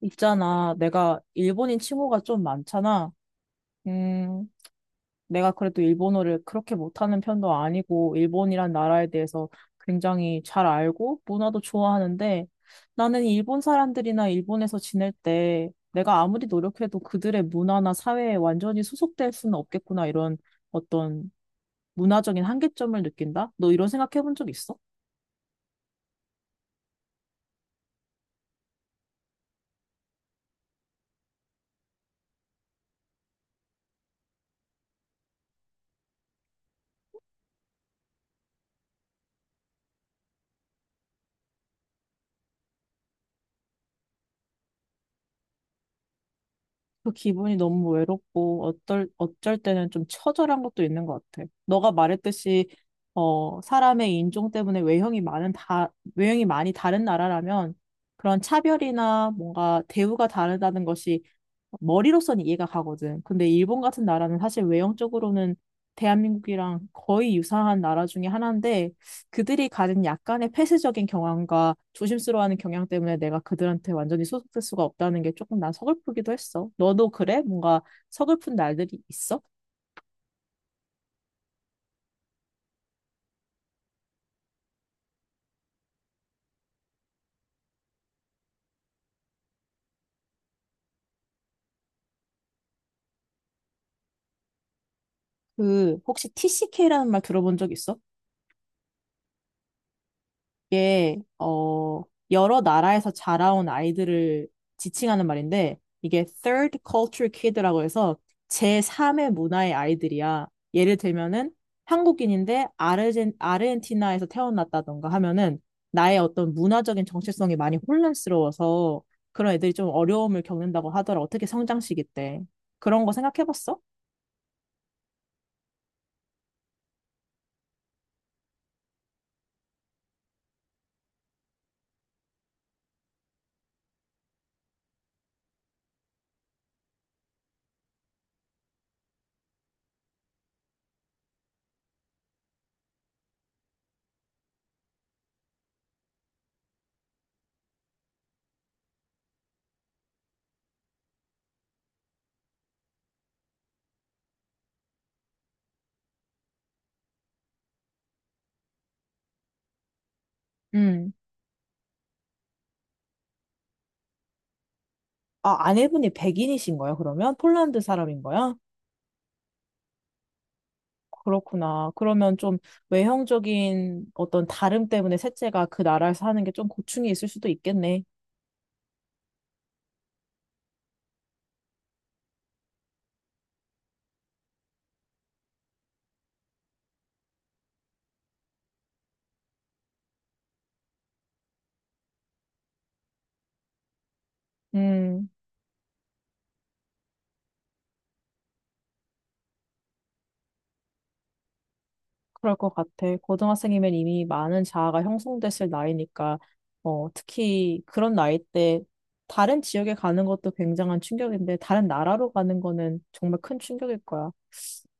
있잖아, 내가 일본인 친구가 좀 많잖아. 음, 내가 그래도 일본어를 그렇게 못하는 편도 아니고, 일본이란 나라에 대해서 굉장히 잘 알고, 문화도 좋아하는데, 나는 일본 사람들이나 일본에서 지낼 때, 내가 아무리 노력해도 그들의 문화나 사회에 완전히 소속될 수는 없겠구나, 이런 어떤 문화적인 한계점을 느낀다? 너 이런 생각 해본 적 있어? 그 기분이 너무 외롭고 어떨 어쩔 때는 좀 처절한 것도 있는 것 같아. 너가 말했듯이 사람의 인종 때문에 외형이 많은 다 외형이 많이 다른 나라라면 그런 차별이나 뭔가 대우가 다르다는 것이 머리로서는 이해가 가거든. 근데 일본 같은 나라는 사실 외형적으로는 대한민국이랑 거의 유사한 나라 중에 하나인데 그들이 가진 약간의 폐쇄적인 경향과 조심스러워하는 경향 때문에 내가 그들한테 완전히 소속될 수가 없다는 게 조금 난 서글프기도 했어. 너도 그래? 뭔가 서글픈 날들이 있어? 그 혹시 TCK라는 말 들어본 적 있어? 이게 여러 나라에서 자라온 아이들을 지칭하는 말인데 이게 Third Culture Kid라고 해서 제3의 문화의 아이들이야. 예를 들면은 한국인인데 아르헨티나에서 태어났다던가 하면은 나의 어떤 문화적인 정체성이 많이 혼란스러워서 그런 애들이 좀 어려움을 겪는다고 하더라. 어떻게 성장시기 때. 그런 거 생각해봤어? 음. 아, 아내분이 백인이신 거예요, 그러면? 폴란드 사람인 거야? 그렇구나. 그러면 좀 외형적인 어떤 다름 때문에 셋째가 그 나라에서 는게 좀 고충이 있을 수도 있겠네. 음. 그럴 것 같아. 고등학생이면 이미 많은 자아가 형성됐을 나이니까, 특히 그런 나이 때 다른 지역에 가는 것도 굉장한 충격인데, 다른 나라로 가는 거는 정말 큰 충격일 거야.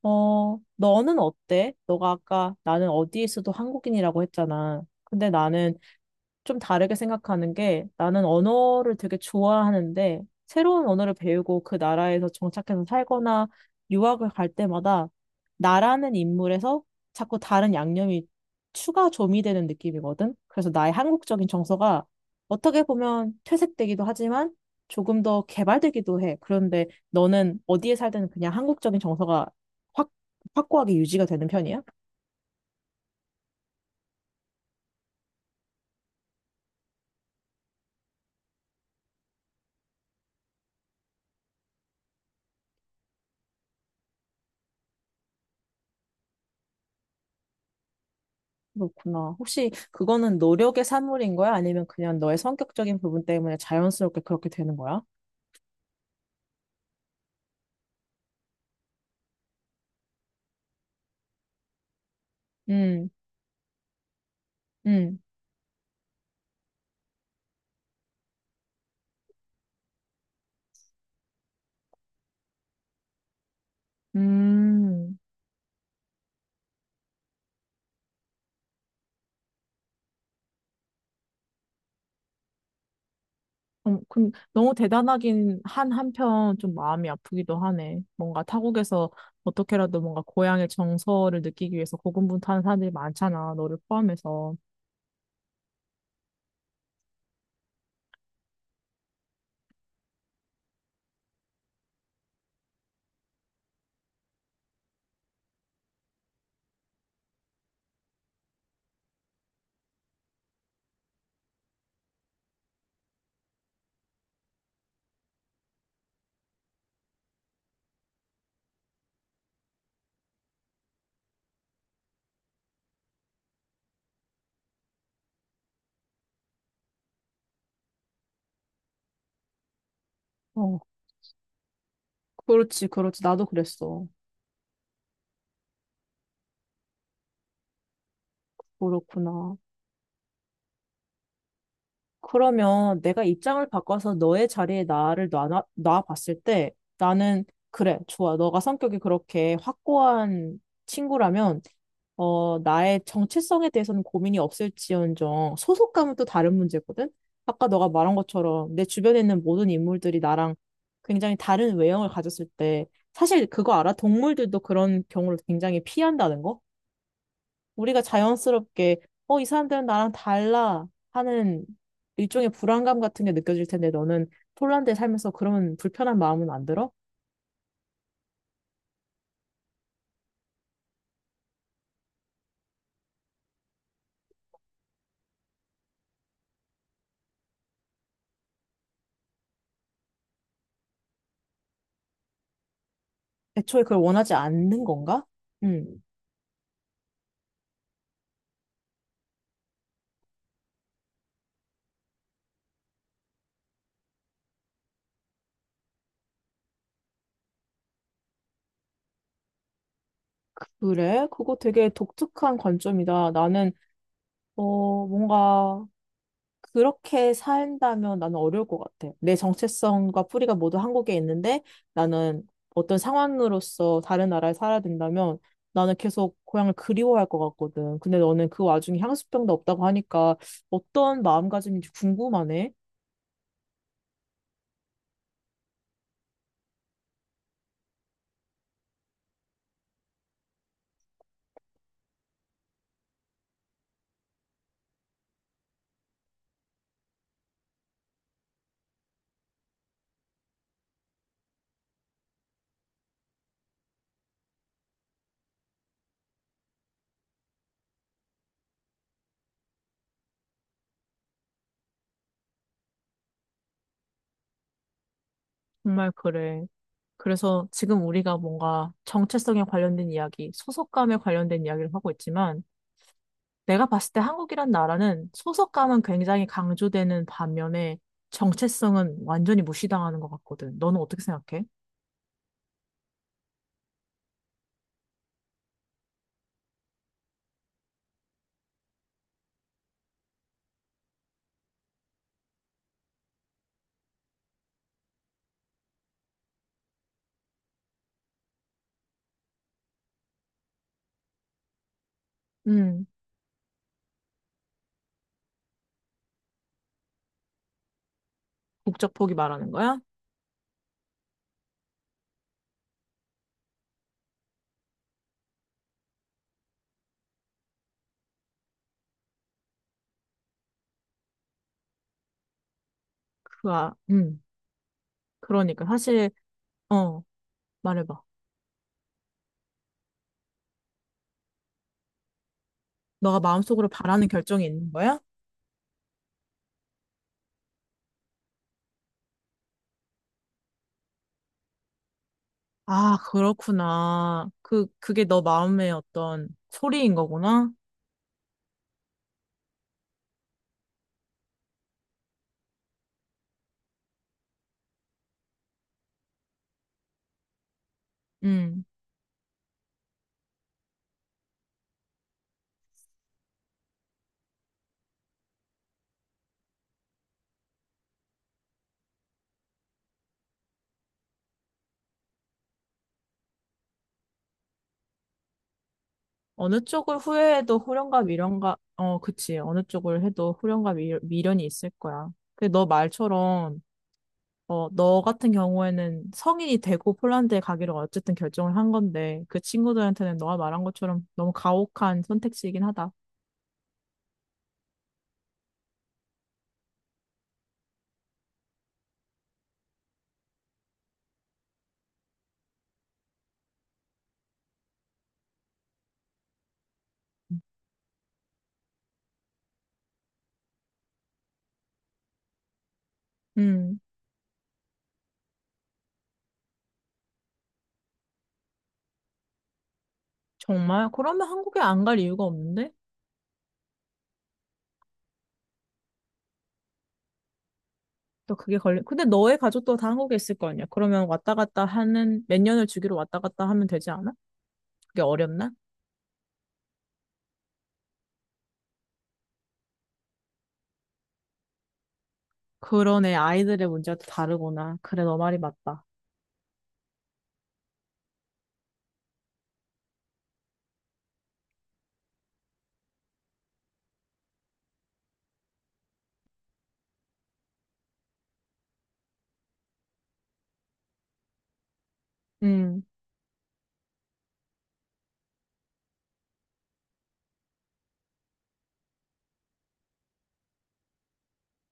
너는 어때? 너가 아까 나는 어디에서도 한국인이라고 했잖아. 근데 나는 좀 다르게 생각하는 게 나는 언어를 되게 좋아하는데 새로운 언어를 배우고 그 나라에서 정착해서 살거나 유학을 갈 때마다 나라는 인물에서 자꾸 다른 양념이 추가 조미되는 느낌이거든. 그래서 나의 한국적인 정서가 어떻게 보면 퇴색되기도 하지만 조금 더 개발되기도 해. 그런데 너는 어디에 살든 그냥 한국적인 정서가 확, 확고하게 유지가 되는 편이야? 그렇구나. 혹시 그거는 노력의 산물인 거야? 아니면 그냥 너의 성격적인 부분 때문에 자연스럽게 그렇게 되는 거야? 음, 음, 음. 그, 너무 대단하긴 한 한편 좀 마음이 아프기도 하네. 뭔가 타국에서 어떻게라도 뭔가 고향의 정서를 느끼기 위해서 고군분투하는 사람들이 많잖아. 너를 포함해서. 어, 그렇지, 그렇지. 나도 그랬어. 그렇구나. 그러면 내가 입장을 바꿔서 너의 자리에 나를 놔봤을 때 나는 그래, 좋아. 너가 성격이 그렇게 확고한 친구라면 나의 정체성에 대해서는 고민이 없을지언정 소속감은 또 다른 문제거든? 아까 너가 말한 것처럼 내 주변에 있는 모든 인물들이 나랑 굉장히 다른 외형을 가졌을 때 사실 그거 알아? 동물들도 그런 경우를 굉장히 피한다는 거? 우리가 자연스럽게, 이 사람들은 나랑 달라 하는 일종의 불안감 같은 게 느껴질 텐데 너는 폴란드에 살면서 그런 불편한 마음은 안 들어? 애초에 그걸 원하지 않는 건가? 음, 그래? 그거 되게 독특한 관점이다. 나는, 뭔가 그렇게 산다면 나는 어려울 것 같아. 내 정체성과 뿌리가 모두 한국에 있는데 나는 어떤 상황으로서 다른 나라에 살아야 된다면 나는 계속 고향을 그리워할 것 같거든. 근데 너는 그 와중에 향수병도 없다고 하니까 어떤 마음가짐인지 궁금하네. 정말 그래. 그래서 지금 우리가 뭔가 정체성에 관련된 이야기, 소속감에 관련된 이야기를 하고 있지만 내가 봤을 때 한국이란 나라는 소속감은 굉장히 강조되는 반면에 정체성은 완전히 무시당하는 것 같거든. 너는 어떻게 생각해? 음, 국적 포기 말하는 거야? 그, 아, 그러니까. 사실, 어, 말해봐. 너가 마음속으로 바라는 결정이 있는 거야? 아, 그렇구나. 그게 너 마음의 어떤 소리인 거구나. 음, 어느 쪽을 후회해도 후련과 미련과, 그치. 어느 쪽을 해도 후련과 미, 미련이 있을 거야. 근데 너 말처럼 너 같은 경우에는 성인이 되고 폴란드에 가기로 어쨌든 결정을 한 건데, 그 친구들한테는 너가 말한 것처럼 너무 가혹한 선택지이긴 하다. 음, 정말? 그러면 한국에 안 갈 이유가 없는데? 또 그게 걸려. 근데 너의 가족도 다 한국에 있을 거 아니야? 그러면 왔다 갔다 하는, 몇 년을 주기로 왔다 갔다 하면 되지 않아? 그게 어렵나? 그러네, 아이들의 문제도 다르구나. 그래, 너 말이 맞다. 음.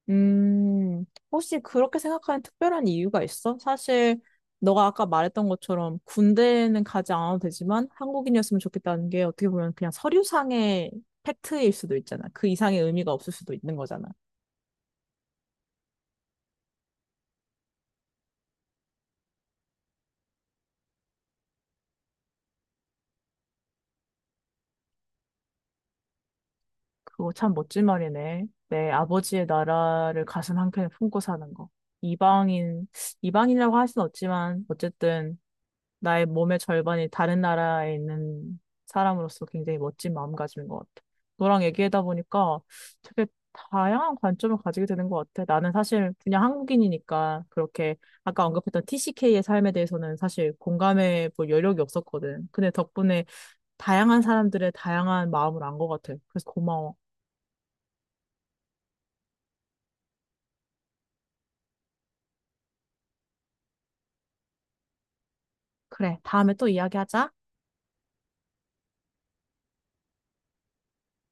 음, 혹시 그렇게 생각하는 특별한 이유가 있어? 사실, 너가 아까 말했던 것처럼 군대는 가지 않아도 되지만 한국인이었으면 좋겠다는 게 어떻게 보면 그냥 서류상의 팩트일 수도 있잖아. 그 이상의 의미가 없을 수도 있는 거잖아. 그거 참 멋진 말이네. 내 아버지의 나라를 가슴 한켠에 품고 사는 거. 이방인, 이방인이라고 할 수는 없지만, 어쨌든 나의 몸의 절반이 다른 나라에 있는 사람으로서 굉장히 멋진 마음가짐인 것 같아. 너랑 얘기하다 보니까 되게 다양한 관점을 가지게 되는 것 같아. 나는 사실 그냥 한국인이니까 그렇게 아까 언급했던 TCK의 삶에 대해서는 사실 공감해 볼 여력이 없었거든. 근데 덕분에 다양한 사람들의 다양한 마음을 안 것 같아. 그래서 고마워. 그래, 다음에 또 이야기하자.